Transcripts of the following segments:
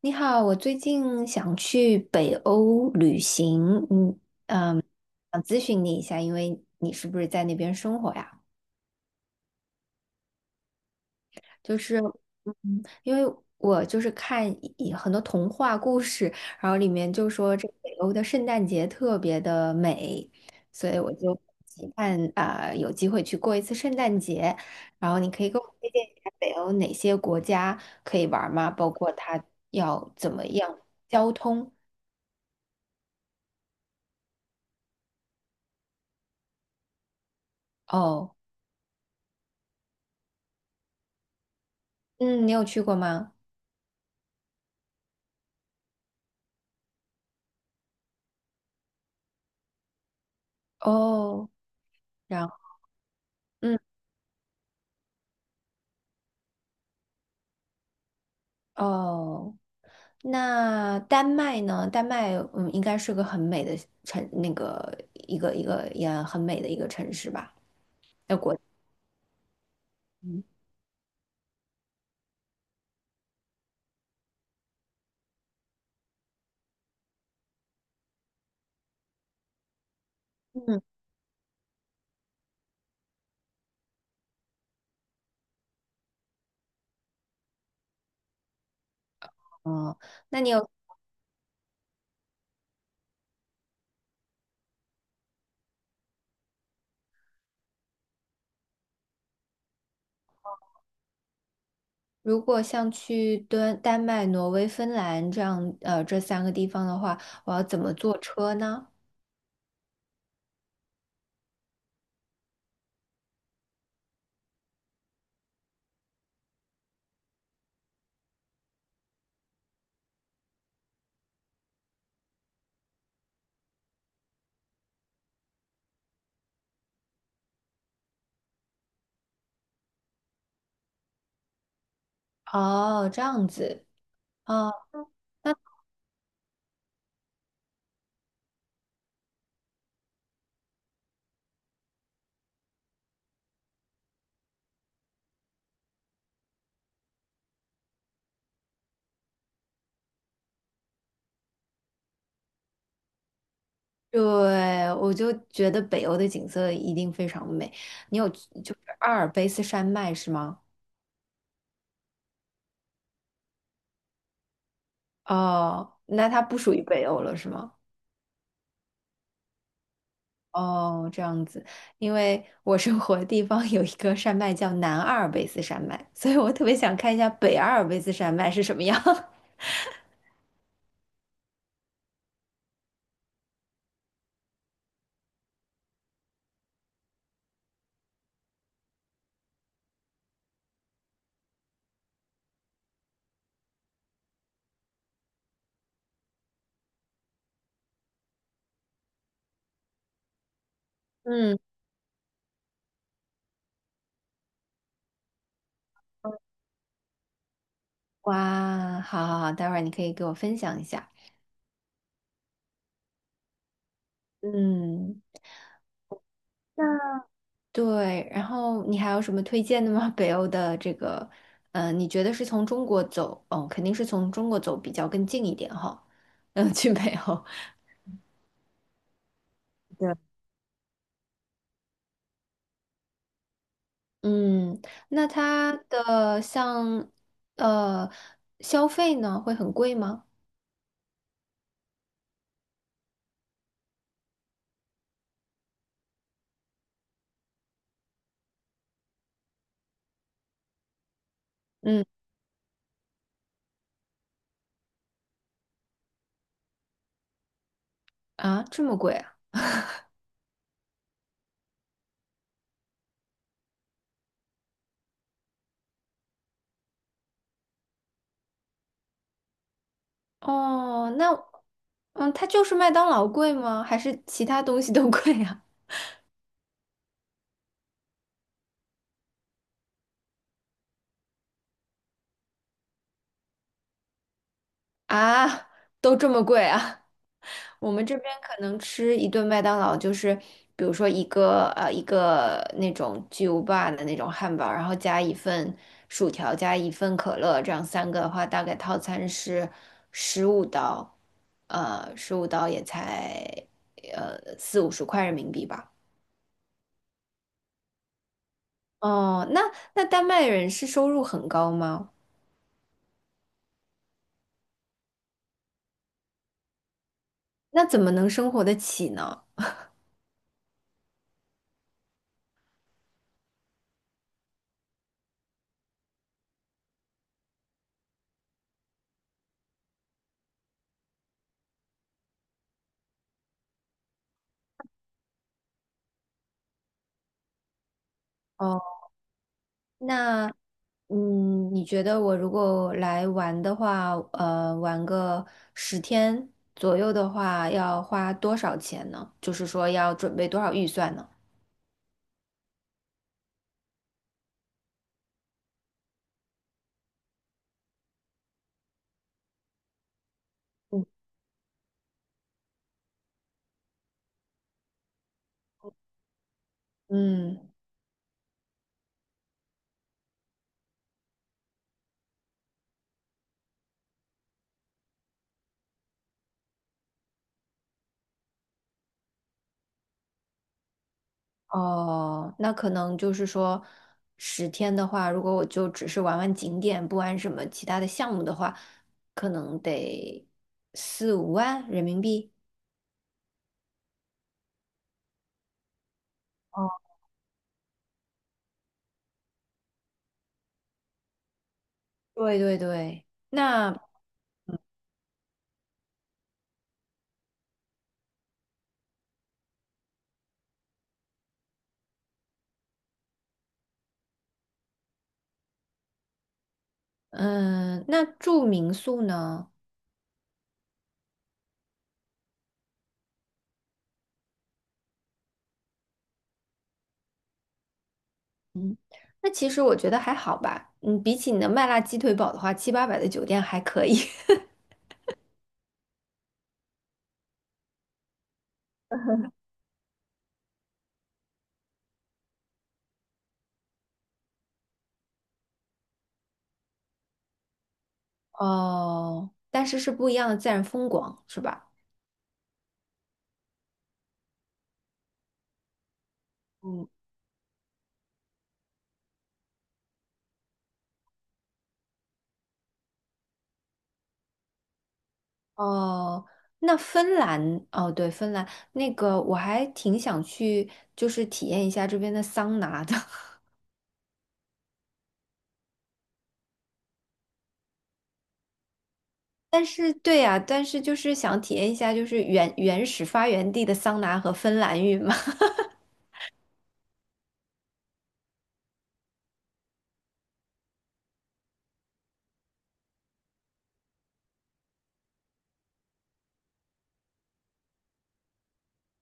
你好，我最近想去北欧旅行，嗯，想咨询你一下，因为你是不是在那边生活呀？就是，因为我就是看很多童话故事，然后里面就说这北欧的圣诞节特别的美，所以我就期盼啊，有机会去过一次圣诞节。然后你可以给我推荐一下北欧哪些国家可以玩儿吗？包括它要怎么样交通？哦，嗯，你有去过吗？哦，然后嗯哦，那丹麦呢？丹麦应该是个很美的城，那个一个也很美的一个城市吧？那国嗯嗯哦，那你有如果像去丹麦、挪威、芬兰这样这三个地方的话，我要怎么坐车呢？哦，这样子。哦，那对，我就觉得北欧的景色一定非常美。你有就是阿尔卑斯山脉是吗？哦，那它不属于北欧了，是吗？哦，这样子，因为我生活的地方有一个山脉叫南阿尔卑斯山脉，所以我特别想看一下北阿尔卑斯山脉是什么样。嗯，哇，好好好，待会儿你可以给我分享一下。嗯，那对，然后你还有什么推荐的吗？北欧的这个，你觉得是从中国走，哦，肯定是从中国走比较更近一点哈，嗯，去北欧。对。嗯，那它的呃消费呢会很贵吗？嗯啊，这么贵啊？哦，那它就是麦当劳贵吗？还是其他东西都贵啊？啊，都这么贵啊？我们这边可能吃一顿麦当劳，就是比如说一个那种巨无霸的那种汉堡，然后加一份薯条，加一份可乐，这样三个的话，大概套餐是十五刀，十五刀也才四五十块人民币吧。哦，那丹麦人是收入很高吗？那怎么能生活得起呢？哦，那你觉得我如果来玩的话，玩个十天左右的话，要花多少钱呢？就是说要准备多少预算呢？嗯，嗯，哦，那可能就是说十天的话，如果我就只是玩玩景点，不玩什么其他的项目的话，可能得四五万人民币。哦，对对对，那嗯，那住民宿呢？嗯，那其实我觉得还好吧。嗯，比起你的麦辣鸡腿堡的话，七八百的酒店还可以。哦，但是是不一样的自然风光，是吧？嗯，哦，那芬兰，哦，对，芬兰那个我还挺想去，就是体验一下这边的桑拿的。但是，对呀，但是就是想体验一下，就是原始发源地的桑拿和芬兰浴嘛。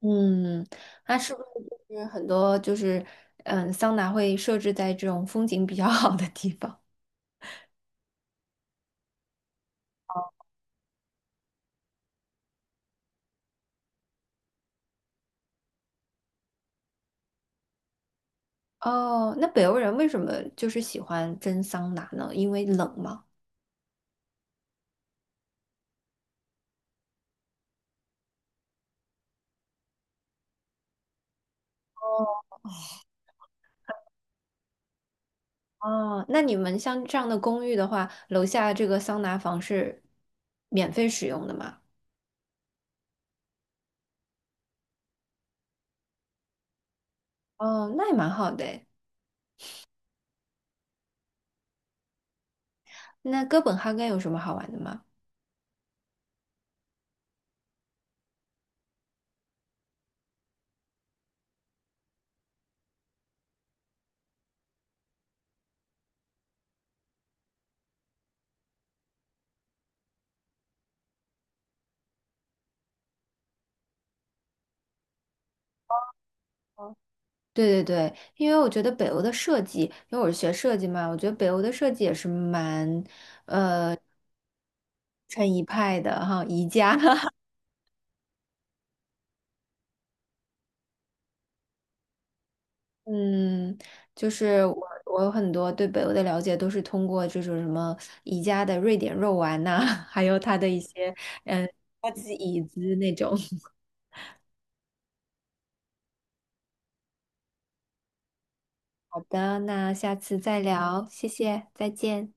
嗯，那是不是就是很多桑拿会设置在这种风景比较好的地方？哦，那北欧人为什么就是喜欢蒸桑拿呢？因为冷吗？哦，那你们像这样的公寓的话，楼下这个桑拿房是免费使用的吗？哦，那也蛮好的诶。那哥本哈根有什么好玩的吗？哦，对对对，因为我觉得北欧的设计，因为我是学设计嘛，我觉得北欧的设计也是蛮成一派的哈，宜家。嗯，就是我有很多对北欧的了解都是通过这种什么宜家的瑞典肉丸呐、还有它的一些高级椅子那种。好的，那下次再聊，谢谢，再见。